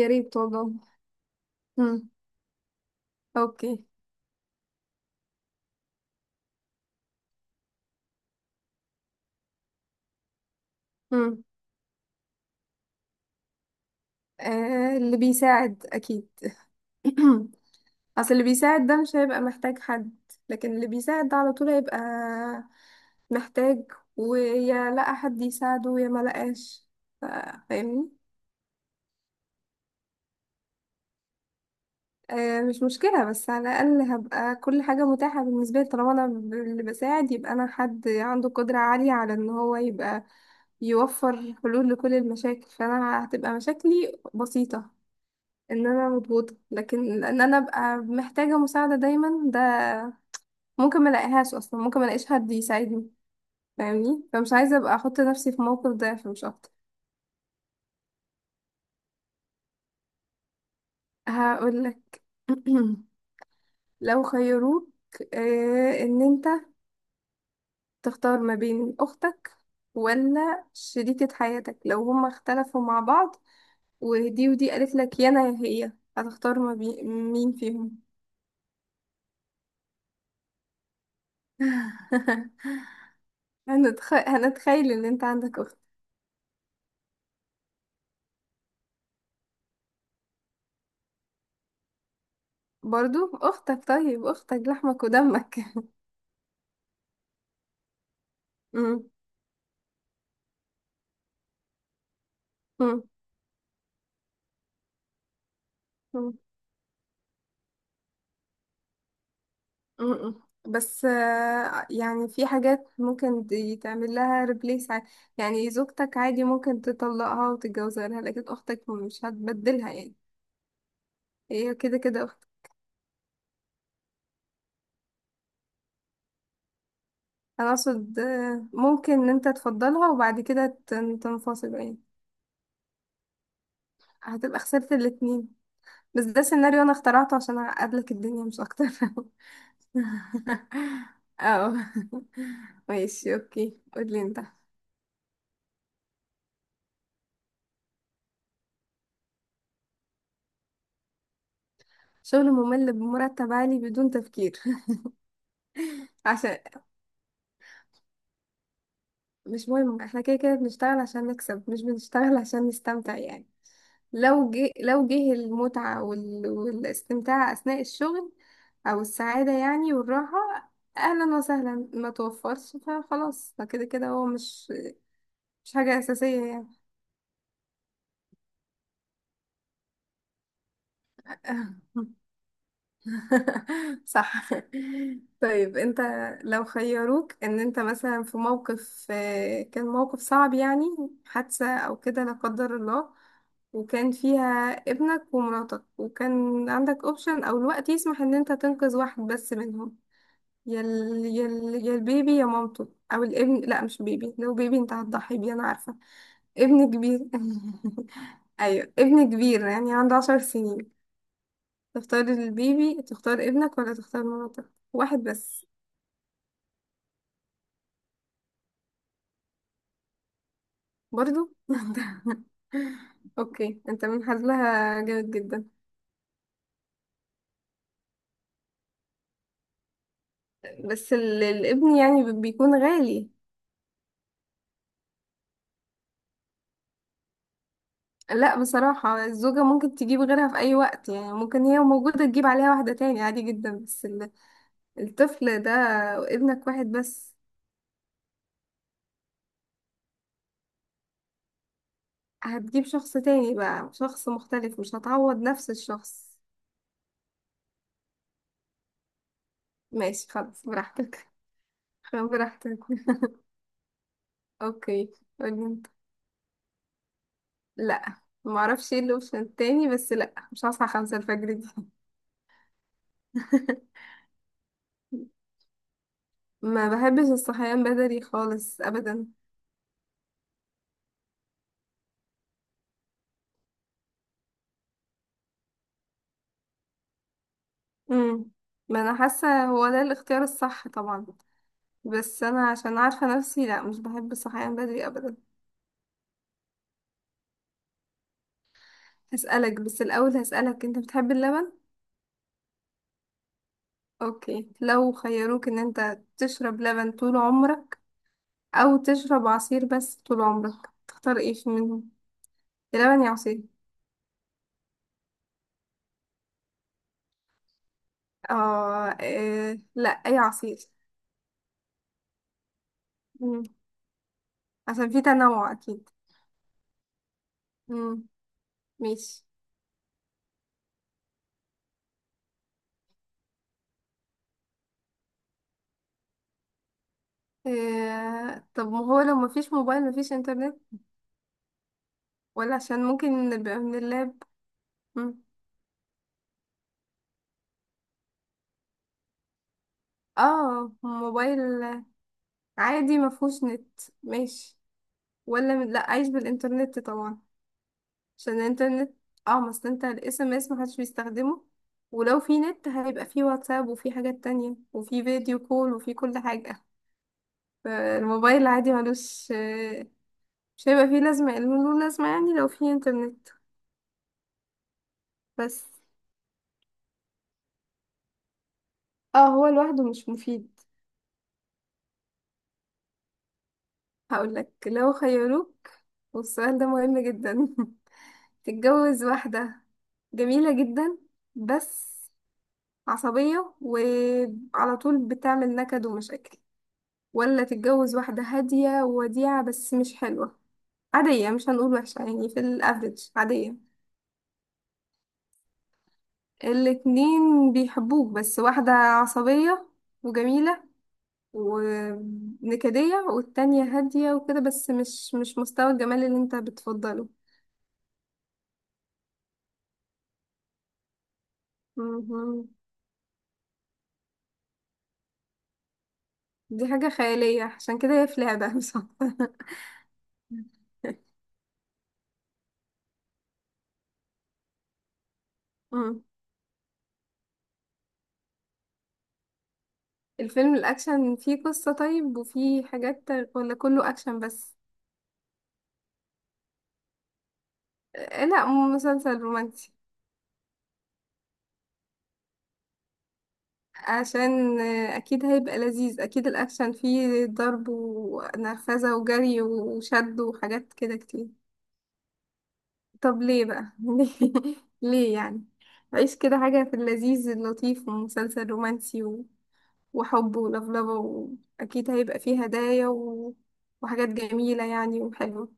يا ريت والله. مم. اوكي. مم. آه، اللي بيساعد اكيد. اصل اللي بيساعد ده مش هيبقى محتاج حد، لكن اللي بيساعد ده على طول هيبقى محتاج، ويا لقى حد يساعده يا ما لقاش. ف- فاهمني. آه، مش مشكلة، بس على الأقل هبقى كل حاجة متاحة بالنسبة لي، طالما أنا اللي بساعد، يبقى أنا حد عنده قدرة عالية على إن هو يبقى يوفر حلول لكل المشاكل، فأنا هتبقى مشاكلي بسيطة. ان انا مضغوطه، لكن ان انا ابقى محتاجه مساعده دايما ده ممكن ما الاقيهاش اصلا، ممكن ما الاقيش حد يساعدني. فاهمني، فمش عايزه ابقى احط نفسي في موقف ده، فمش اكتر. هقول لك. لو خيروك ان انت تختار ما بين اختك ولا شريكة حياتك، لو هما اختلفوا مع بعض، ودي قالت لك يا انا يا هي، هتختار ما بين مين فيهم؟ هنتخيل ان انت عندك اخت. برضو اختك، طيب اختك لحمك ودمك. مم. مم. مم. مم. بس يعني في حاجات ممكن دي تعمل لها ريبليس، يعني زوجتك عادي ممكن تطلقها وتتجوز غيرها، لكن اختك مش هتبدلها يعني، هي كده كده اختك. انا اقصد ممكن ان انت تفضلها وبعد كده تنفصلوا يعني، هتبقى خسرت الاتنين. بس ده سيناريو انا اخترعته عشان اعقدلك الدنيا مش اكتر. اه. ماشي، اوكي، قولي انت. شغل ممل بمرتب عالي بدون تفكير. عشان مش مهم، احنا كده كده بنشتغل عشان نكسب، مش بنشتغل عشان نستمتع يعني. لو جه المتعة والاستمتاع أثناء الشغل، أو السعادة يعني والراحة، أهلا وسهلا؛ ما توفرش فخلاص، فكده كده هو مش حاجة أساسية يعني. صح. طيب انت، لو خيروك ان انت مثلا في موقف، كان موقف صعب يعني، حادثة او كده لا قدر الله، وكان فيها ابنك ومراتك، وكان عندك اوبشن او الوقت يسمح ان انت تنقذ واحد بس منهم، يا البيبي يا مامته، او الابن. لا مش بيبي، لو بيبي انت هتضحي بيه انا عارفة، ابن كبير. ايوه ابن كبير، يعني عنده 10 سنين، تختار البيبي تختار ابنك ولا تختار مراتك، واحد بس. برضو. انت؟ اوكي، انت من حظها جامد جدا. بس الابن يعني بيكون غالي. لا بصراحة، الزوجة ممكن تجيب غيرها في أي وقت يعني، ممكن هي موجودة تجيب عليها واحدة تاني عادي جدا، بس الطفل ده، ابنك واحد بس. هتجيب شخص تاني بقى، شخص مختلف، مش هتعوض نفس الشخص. ماشي خلاص، براحتك. براحتك. اوكي، قولي. لا، ما اعرفش ايه الاوبشن التاني، بس لا، مش هصحى 5 الفجر دي. ما بحبش الصحيان بدري خالص ابدا. امم، ما انا حاسه هو ده الاختيار الصح طبعا، بس انا عشان عارفه نفسي، لا مش بحب الصحيان بدري ابدا. هسألك، بس الاول هسألك، انت بتحب اللبن؟ اوكي، لو خيروك ان انت تشرب لبن طول عمرك، او تشرب عصير بس طول عمرك، تختار ايه في منهم؟ يا لبن يا عصير. اه، إيه، لا اي عصير. عشان في تنوع اكيد. امم، ماشي. طب ما هو لو مفيش موبايل مفيش انترنت؟ ولا عشان ممكن نبقى من اللاب. مم. اه موبايل، عادي مفهوش نت ماشي، لا عايش بالانترنت طبعا، عشان الانترنت. اه، ما اصل انت الاس ام اس محدش بيستخدمه، ولو في نت هيبقى في واتساب، وفي حاجات تانية، وفي فيديو كول، وفي كل حاجة. فالموبايل عادي ملوش مش هيبقى فيه لازمة، له لازمة يعني لو فيه انترنت. بس اه، هو لوحده مش مفيد. هقولك، لو خيروك، والسؤال ده مهم جدا، تتجوز واحدة جميلة جدا، بس عصبية، وعلى طول بتعمل نكد ومشاكل، ولا تتجوز واحدة هادية ووديعة بس مش حلوة، عادية، مش هنقول وحشة يعني، في الافريج عادية. الاتنين بيحبوك، بس واحدة عصبية وجميلة ونكدية، والتانية هادية وكده بس مش مستوى الجمال اللي انت بتفضله. مهم. دي حاجة خيالية، عشان كده هي في لعبة مش أكتر. مم. الفيلم الأكشن فيه قصة طيب وفيه حاجات، ولا كله أكشن بس؟ لا مسلسل رومانسي. عشان أكيد هيبقى لذيذ. أكيد الأكشن فيه ضرب ونرفزة وجري وشد وحاجات كده كتير. طب ليه بقى؟ ليه، ليه يعني؟ عيش كده حاجة في اللذيذ اللطيف، ومسلسل رومانسي وحب ولفلفة، وأكيد هيبقى فيه هدايا وحاجات جميلة يعني وحلوة.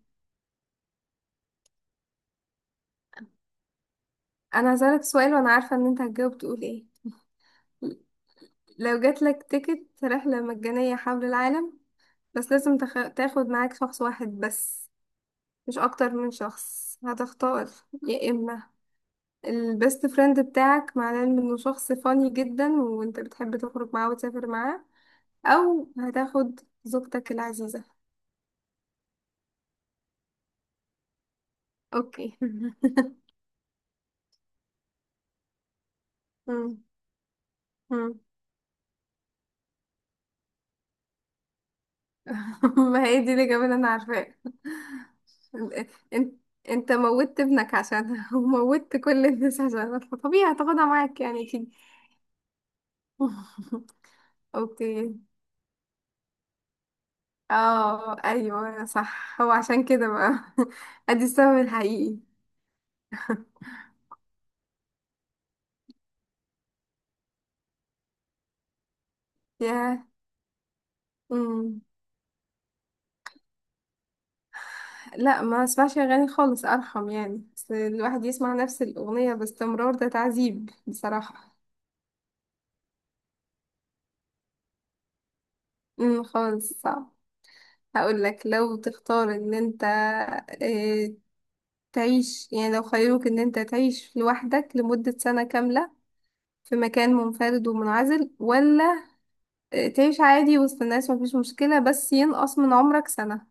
أنا هسألك سؤال، وأنا عارفة إن أنت هتجاوب تقول إيه. لو جاتلك تيكت رحلة مجانية حول العالم، بس لازم تاخد معاك شخص واحد بس، مش أكتر من شخص. هتختار يا إما البيست فريند بتاعك، معناه انه شخص فاني جدا وانت بتحب تخرج معاه وتسافر معاه، او هتاخد زوجتك العزيزة. اوكي. مم. مم. ما هي دي الإجابة اللي أنا عارفاها. انت، انت موتت ابنك عشانها، وموتت كل الناس عشانها، فطبيعي هتاخدها معاك يعني اكيد. اوكي. اه ايوه صح، هو عشان كده بقى ادي السبب الحقيقي. يا لا، ما اسمعش اغاني خالص ارحم يعني، بس الواحد يسمع نفس الاغنيه باستمرار، ده تعذيب بصراحه. امم، خالص صعب. هقول لك، لو تختار ان انت آه، تعيش يعني، لو خيروك ان انت تعيش لوحدك لمده سنه كامله في مكان منفرد ومنعزل، ولا تعيش عادي وسط الناس مفيش مشكله، بس ينقص من عمرك سنه.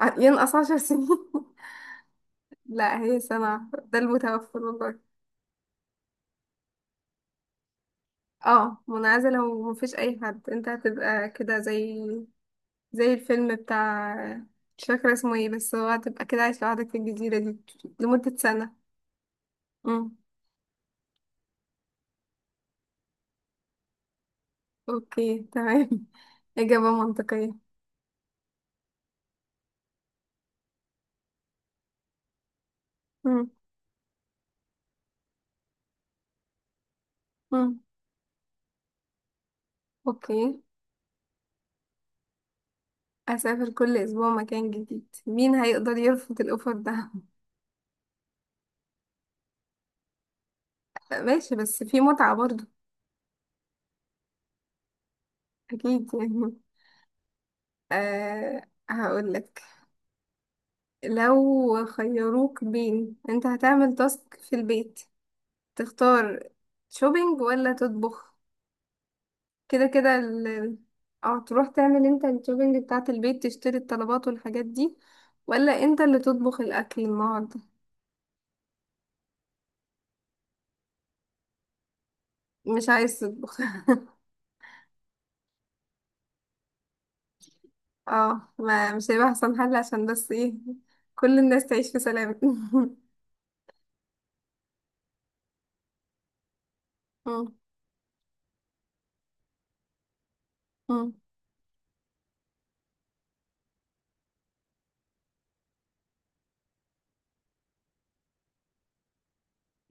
ينقص 10 سنين؟ لا هي سنه ده المتوفر والله. اه منعزلة ومفيش أي حد، انت هتبقى كده زي زي الفيلم بتاع، مش فاكرة اسمه ايه، بس هو هتبقى كده عايش لوحدك في الجزيرة دي لمدة سنة. مم. اوكي تمام. إجابة منطقية. مم. مم. اوكي، أسافر كل أسبوع مكان جديد، مين هيقدر يرفض الأوفر ده؟ ماشي، بس في متعة برضه. أكيد يعني. أه، هقولك، لو خيروك بين انت هتعمل تاسك في البيت، تختار شوبينج ولا تطبخ؟ كده كده اه تروح تعمل انت الشوبينج بتاعة البيت، تشتري الطلبات والحاجات دي، ولا انت اللي تطبخ الاكل النهارده. مش عايز تطبخ؟ اه، ما مش هيبقى احسن حل عشان بس ايه، كل الناس تعيش في سلام. مم، مم.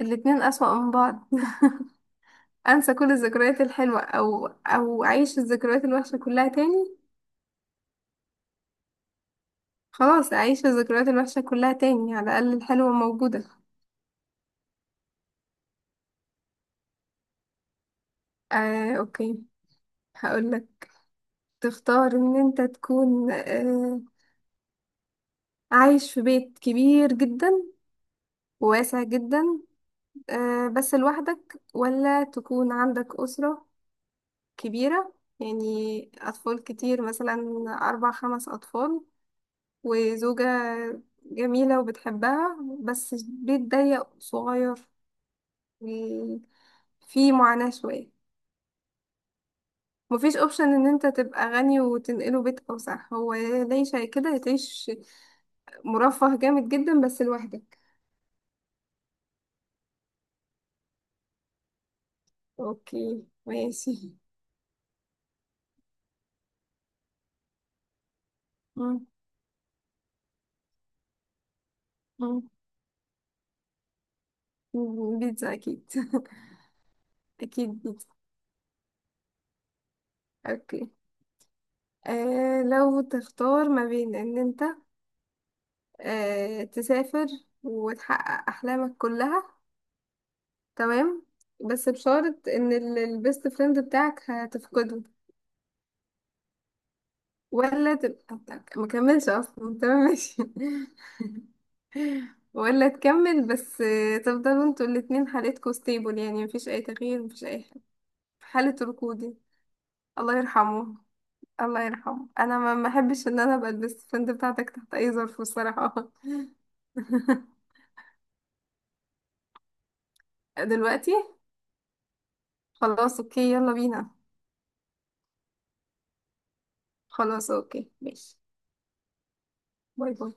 الاتنين اسوأ من بعض. انسى كل الذكريات الحلوة او اعيش الذكريات الوحشة كلها تاني؟ خلاص، اعيش الذكريات الوحشة كلها تاني، على الاقل الحلوة موجودة. اوكي، هقول لك، تختار ان انت تكون عايش في بيت كبير جدا وواسع جدا، بس لوحدك، ولا تكون عندك أسرة كبيرة يعني، أطفال كتير مثلا، أربع خمس أطفال، وزوجة جميلة وبتحبها، بس بيت ضيق صغير، و- فيه معاناة شوية. مفيش اوبشن ان انت تبقى غني وتنقله بيت اوسع، هو يا تعيش كده يا تعيش مرفه جامد جدا بس لوحدك. اوكي ماشي. مم، مم، مم، بيتزا اكيد. اكيد بيتزا. اوكي. آه. لو تختار ما بين ان انت آه تسافر وتحقق احلامك كلها، تمام، بس بشرط ان البيست فريند بتاعك هتفقده، ولا تبقى ما كملش اصلا. تمام ماشي. ولا تكمل، بس تفضلوا انتوا الاتنين حالتكوا ستيبل يعني، مفيش اي تغيير مفيش اي حاجة. حالة ركودي. الله يرحمه. الله يرحمه، انا ما احبش ان انا ابقى البيست فريند بتاعتك تحت اي ظرف الصراحه. دلوقتي؟ خلاص اوكي يلا بينا. خلاص اوكي ماشي. باي باي.